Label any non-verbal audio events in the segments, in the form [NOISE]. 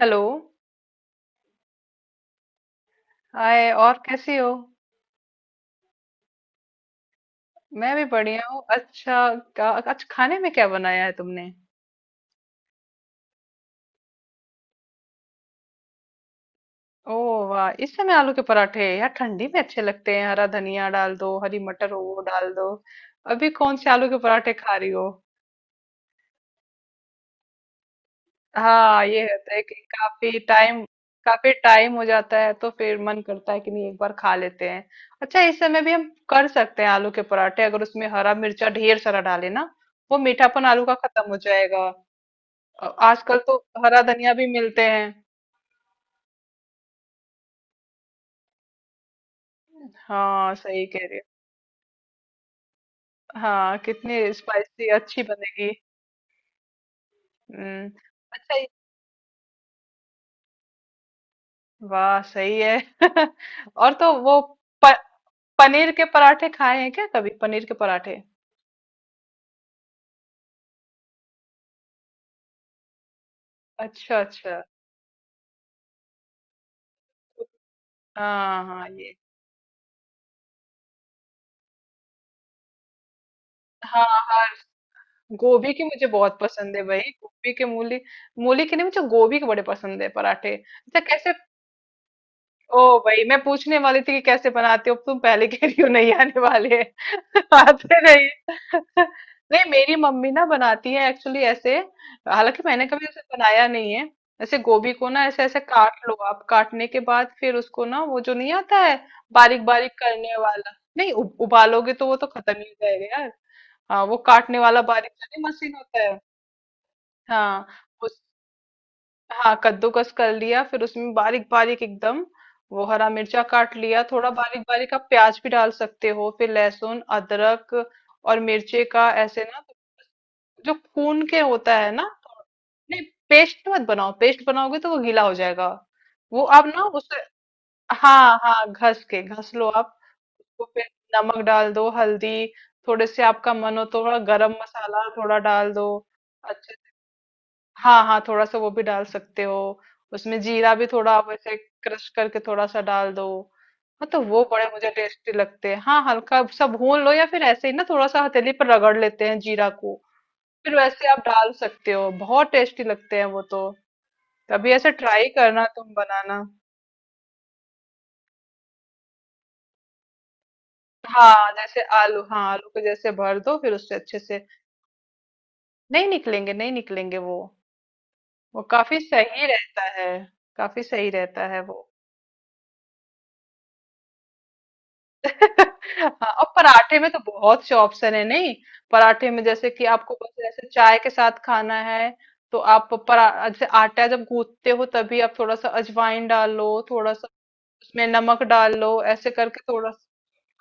Hello. Hi, और कैसी हो? मैं भी बढ़िया हूँ। अच्छा, आज खाने में क्या बनाया है तुमने? ओ, वाह, इस समय आलू के पराठे। यार ठंडी में अच्छे लगते हैं। हरा धनिया डाल दो, हरी मटर हो वो डाल दो। अभी कौन से आलू के पराठे खा रही हो? हाँ, ये होता है कि काफी टाइम। काफी टाइम हो जाता है तो फिर मन करता है कि नहीं, एक बार खा लेते हैं। अच्छा, इस समय भी हम कर सकते हैं आलू के पराठे, अगर उसमें हरा मिर्चा ढेर सारा डाले ना, वो मीठापन आलू का खत्म हो जाएगा। आजकल तो हरा धनिया भी मिलते हैं। हाँ, सही कह रहे हो। हाँ, कितनी स्पाइसी अच्छी बनेगी। हम्म। अच्छा ये- वाह सही है। [LAUGHS] और तो वो प, पनीर के पराठे खाए हैं क्या कभी, पनीर के पराठे? अच्छा अच्छा। हाँ हाँ ये। हाँ हाँ, गोभी की मुझे बहुत पसंद है भाई, गोभी के, मूली। मूली की नहीं, मुझे गोभी के बड़े पसंद है पराठे। अच्छा, कैसे? ओ भाई, मैं पूछने वाली थी कि कैसे बनाते हो तुम, पहले कह रही हो नहीं, आने वाले [LAUGHS] आते नहीं। [LAUGHS] नहीं, मेरी मम्मी ना बनाती है एक्चुअली ऐसे। हालांकि मैंने कभी ऐसे बनाया नहीं है। ऐसे गोभी को ना, ऐसे ऐसे काट लो आप, काटने के बाद फिर उसको ना वो जो नहीं, आता है बारीक बारीक करने वाला। नहीं, उबालोगे तो वो तो खत्म ही हो जाएगा यार। हाँ, वो काटने वाला बारीक वाली मशीन होता है। हाँ हाँ, कद्दूकस कर लिया, फिर उसमें बारीक बारीक एकदम। वो हरा मिर्चा काट लिया थोड़ा बारीक बारीक, आप प्याज भी डाल सकते हो, फिर लहसुन अदरक और मिर्चे का ऐसे ना, जो कून के होता है ना तो। नहीं, पेस्ट मत बनाओ, पेस्ट बनाओगे तो वो गीला हो जाएगा। वो आप ना उसे, हाँ हाँ घस के घस लो आप। उसको फिर नमक डाल दो, हल्दी थोड़े से, आपका मन हो तो थोड़ा गरम मसाला थोड़ा डाल दो। हाँ हाँ, थोड़ा सा वो भी डाल सकते हो। उसमें जीरा भी थोड़ा आप ऐसे क्रश करके थोड़ा सा डाल दो। हाँ, तो वो बड़े मुझे टेस्टी लगते हैं। हाँ, हल्का सा भून लो या फिर ऐसे ही ना थोड़ा सा हथेली पर रगड़ लेते हैं जीरा को, फिर वैसे आप डाल सकते हो, बहुत टेस्टी लगते हैं वो तो। कभी ऐसे ट्राई करना, तुम बनाना। हाँ जैसे आलू, हाँ आलू को जैसे भर दो, फिर उससे अच्छे से। नहीं निकलेंगे, नहीं निकलेंगे वो। वो काफी सही रहता है। काफी सही रहता है वो। हाँ, और पराठे में तो बहुत से ऑप्शन है नहीं। पराठे में जैसे कि आपको बस जैसे चाय के साथ खाना है, तो आप परा जैसे आटा जब गूंथते हो तभी आप थोड़ा सा अजवाइन डाल लो, थोड़ा सा उसमें नमक डाल लो ऐसे करके, थोड़ा सा।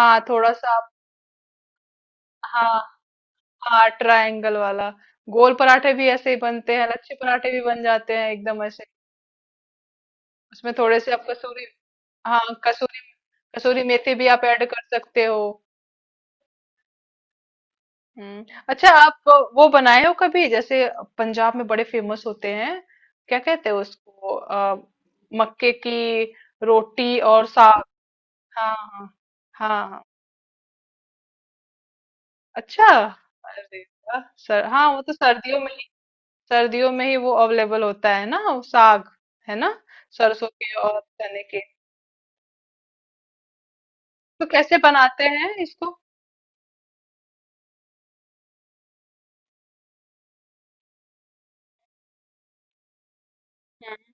हाँ थोड़ा सा आप। हाँ हाँ, ट्रायंगल वाला। गोल पराठे भी ऐसे ही बनते हैं, लच्छे पराठे भी बन जाते हैं एकदम ऐसे। उसमें थोड़े से आप कसूरी, हाँ कसूरी, कसूरी मेथी भी आप ऐड कर सकते हो। हम्म, अच्छा आप वो बनाए हो कभी जैसे, पंजाब में बड़े फेमस होते हैं, क्या कहते हैं उसको मक्के की रोटी और साग। हाँ हाँ हाँ हाँ। अच्छा, अरे वाह। सर हाँ, वो तो सर्दियों में ही, सर्दियों में ही वो अवेलेबल होता है ना वो साग, है ना, सरसों के और चने के। तो कैसे बनाते हैं इसको? हम्म।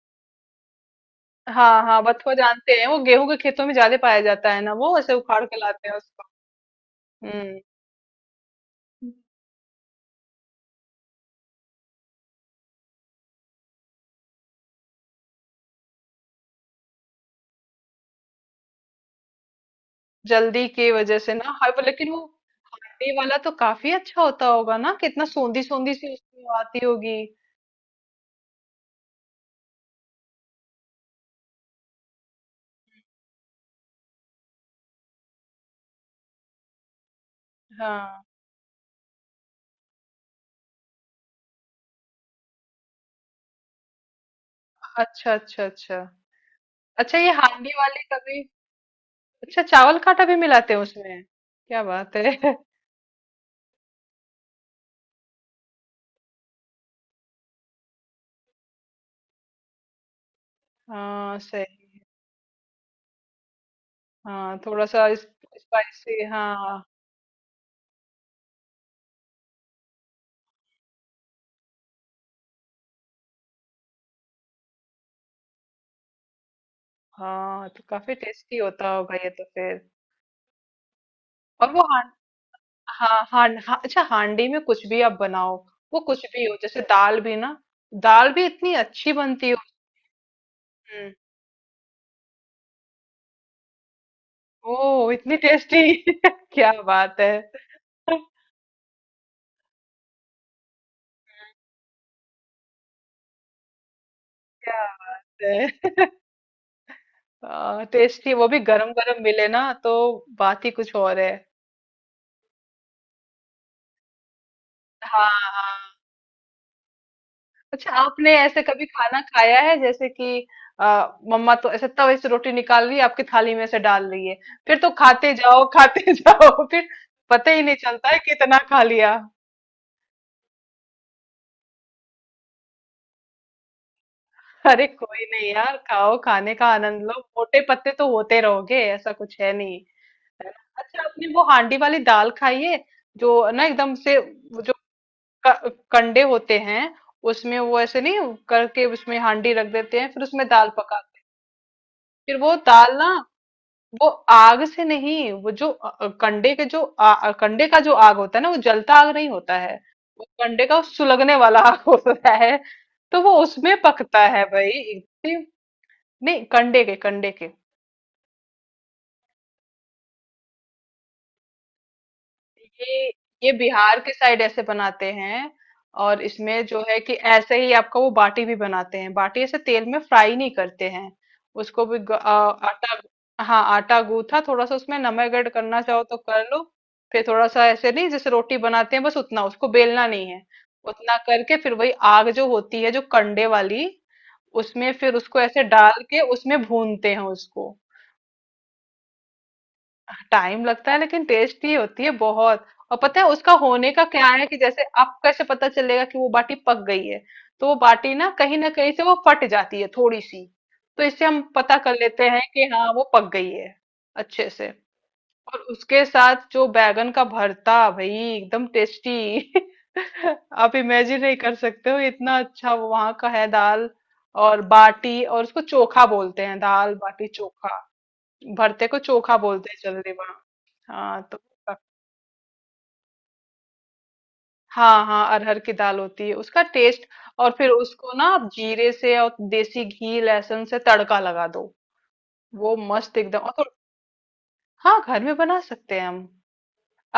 हाँ हाँ, बथुआ जानते हैं, वो गेहूं के खेतों में ज्यादा पाया जाता है ना, वो ऐसे उखाड़ के लाते हैं उसको। हम्म। जल्दी की वजह से ना, हाँ पर लेकिन वो ये वाला तो काफी अच्छा होता होगा ना, कितना सोंधी सोंधी सी उसमें वो आती होगी। हाँ। अच्छा अच्छा अच्छा। अच्छा, ये हांडी वाले कभी। अच्छा, चावल का आटा भी मिलाते हैं उसमें, क्या बात है। [LAUGHS] हाँ, सही। हाँ, थोड़ा सा स्पाइसी हाँ। हाँ, तो काफी टेस्टी होता होगा ये तो फिर। और वो हां, हाँ हाँ हाँ। अच्छा, हांडी में कुछ भी आप बनाओ, वो कुछ भी हो जैसे दाल भी ना, दाल भी इतनी अच्छी बनती हो। हम्म। ओह, इतनी टेस्टी। [LAUGHS] क्या बात है। [LAUGHS] क्या बात है। [LAUGHS] टेस्टी वो भी गरम गरम मिले ना तो बात ही कुछ और है। हाँ हाँ, अच्छा आपने ऐसे कभी खाना खाया है जैसे कि, मम्मा तो ऐसे तवे से रोटी निकाल रही है आपकी थाली में से डाल रही है, फिर तो खाते जाओ खाते [LAUGHS] जाओ फिर, पता ही नहीं चलता है कितना खा लिया। अरे कोई नहीं यार, खाओ, खाने का आनंद लो। मोटे पत्ते तो होते रहोगे, ऐसा कुछ है नहीं। है ना? अच्छा, आपने वो हांडी वाली दाल खाई है, जो ना एकदम से वो जो कंडे होते हैं, उसमें वो ऐसे नहीं करके उसमें हांडी रख देते हैं फिर उसमें दाल पकाते हैं, फिर वो दाल ना, वो आग से नहीं वो जो कंडे के जो कंडे का जो आग होता है ना, वो जलता आग नहीं होता है, वो कंडे का सुलगने वाला आग [LAUGHS] होता है। तो वो उसमें पकता है भाई, नहीं, कंडे के, कंडे के। ये ये बिहार के साइड ऐसे बनाते हैं। और इसमें जो है कि ऐसे ही आपका वो बाटी भी बनाते हैं, बाटी ऐसे तेल में फ्राई नहीं करते हैं, उसको भी आटा, हाँ आटा गूथा थोड़ा सा, उसमें नमक ऐड करना चाहो तो कर लो, फिर थोड़ा सा ऐसे नहीं जैसे रोटी बनाते हैं बस उतना, उसको बेलना नहीं है उतना, करके फिर वही आग जो होती है जो कंडे वाली, उसमें फिर उसको ऐसे डाल के उसमें भूनते हैं उसको। टाइम लगता है लेकिन टेस्टी होती है बहुत। और पता है उसका होने का क्या है, कि जैसे आप कैसे पता चलेगा कि वो बाटी पक गई है, तो वो बाटी ना कहीं से वो फट जाती है थोड़ी सी, तो इससे हम पता कर लेते हैं कि हाँ वो पक गई है अच्छे से। और उसके साथ जो बैगन का भरता भाई, एकदम टेस्टी। [LAUGHS] आप इमेजिन नहीं कर सकते हो, इतना अच्छा वो वहां का है। दाल और बाटी, और उसको चोखा बोलते हैं, दाल बाटी चोखा। भरते को चोखा बोलते हैं जल्दी। हाँ तो, हाँ हाँ, अरहर की दाल होती है उसका टेस्ट। और फिर उसको ना आप जीरे से और देसी घी लहसुन से तड़का लगा दो, वो मस्त एकदम और हाँ, घर में बना सकते हैं हम।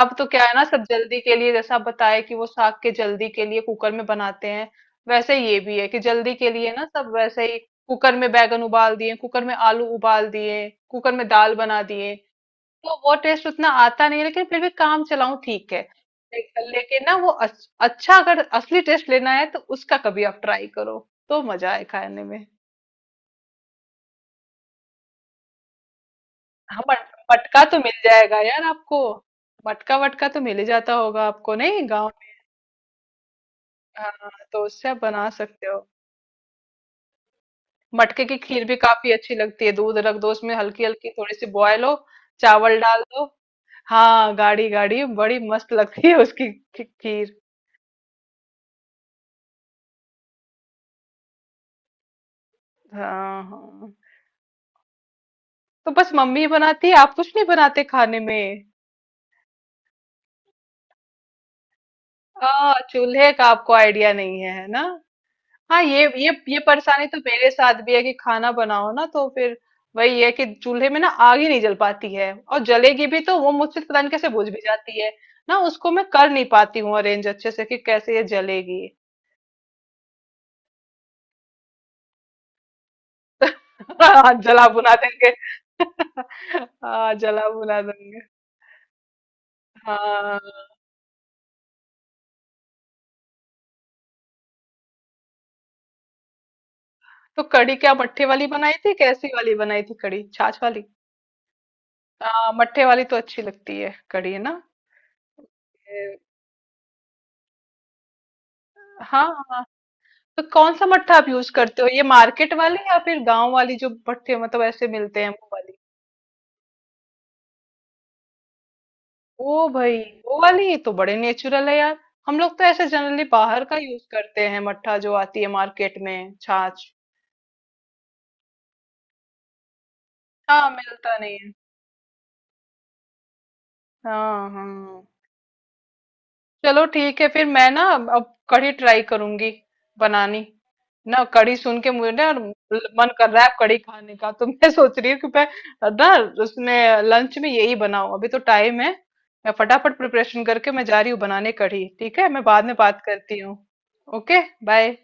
अब तो क्या है ना, सब जल्दी के लिए, जैसा आप बताए कि वो साग के जल्दी के लिए कुकर में बनाते हैं, वैसे ये भी है कि जल्दी के लिए ना सब वैसे ही, कुकर में बैगन उबाल दिए, कुकर में आलू उबाल दिए, कुकर में दाल बना दिए, तो वो टेस्ट उतना आता नहीं है, लेकिन फिर भी काम चलाऊं ठीक है। लेकिन ना वो अच्छा, अगर असली टेस्ट लेना है तो उसका कभी आप ट्राई करो, तो मजा आए खाने में। हाँ मटका तो मिल जाएगा यार आपको, मटका वटका तो मिल ही जाता होगा आपको नहीं, गाँव में। हाँ, तो उससे आप बना सकते हो। मटके की खीर भी काफी अच्छी लगती है, दूध रख दो उसमें हल्की हल्की थोड़ी सी बॉयल हो, चावल डाल दो। हाँ गाढ़ी गाढ़ी, बड़ी मस्त लगती है उसकी खीर। हाँ हाँ, तो बस मम्मी बनाती है, आप कुछ नहीं बनाते खाने में? चूल्हे का आपको आइडिया नहीं है, है ना? हाँ, ये परेशानी तो मेरे साथ भी है कि खाना बनाओ ना तो फिर, वही है कि चूल्हे में ना आग ही नहीं जल पाती है, और जलेगी भी तो वो मुझसे तो पता नहीं कैसे बुझ भी जाती है, ना उसको मैं कर नहीं पाती हूँ अरेंज अच्छे से कि कैसे ये जलेगी। [LAUGHS] हाँ, जला बुना देंगे। [LAUGHS] हाँ, जला बुना देंगे। हाँ तो कढ़ी क्या मट्ठे वाली बनाई थी कैसी वाली बनाई थी कढ़ी, छाछ वाली? हाँ, मट्ठे वाली तो अच्छी लगती है कढ़ी ना। ये- हाँ हाँ, तो कौन सा मट्ठा आप यूज करते हो, ये मार्केट वाली या फिर गांव वाली जो मट्ठे मतलब ऐसे मिलते हैं, वो वाली? ओ भाई, वो वाली तो बड़े नेचुरल है यार। हम लोग तो ऐसे जनरली बाहर का यूज करते हैं मट्ठा, जो आती है मार्केट में छाछ। हाँ, मिलता नहीं है। हाँ हाँ। चलो ठीक है फिर, मैं ना अब कढ़ी ट्राई करूंगी बनानी, ना कढ़ी सुन के मुझे ना मन कर रहा है अब कढ़ी खाने का, तो मैं [LAUGHS] सोच रही हूँ कि मैं ना उसमें लंच में यही बनाऊं, अभी तो टाइम है, मैं फटाफट प्रिपरेशन करके मैं जा रही हूँ बनाने कढ़ी, ठीक है? मैं बाद में बात करती हूँ। Okay, bye.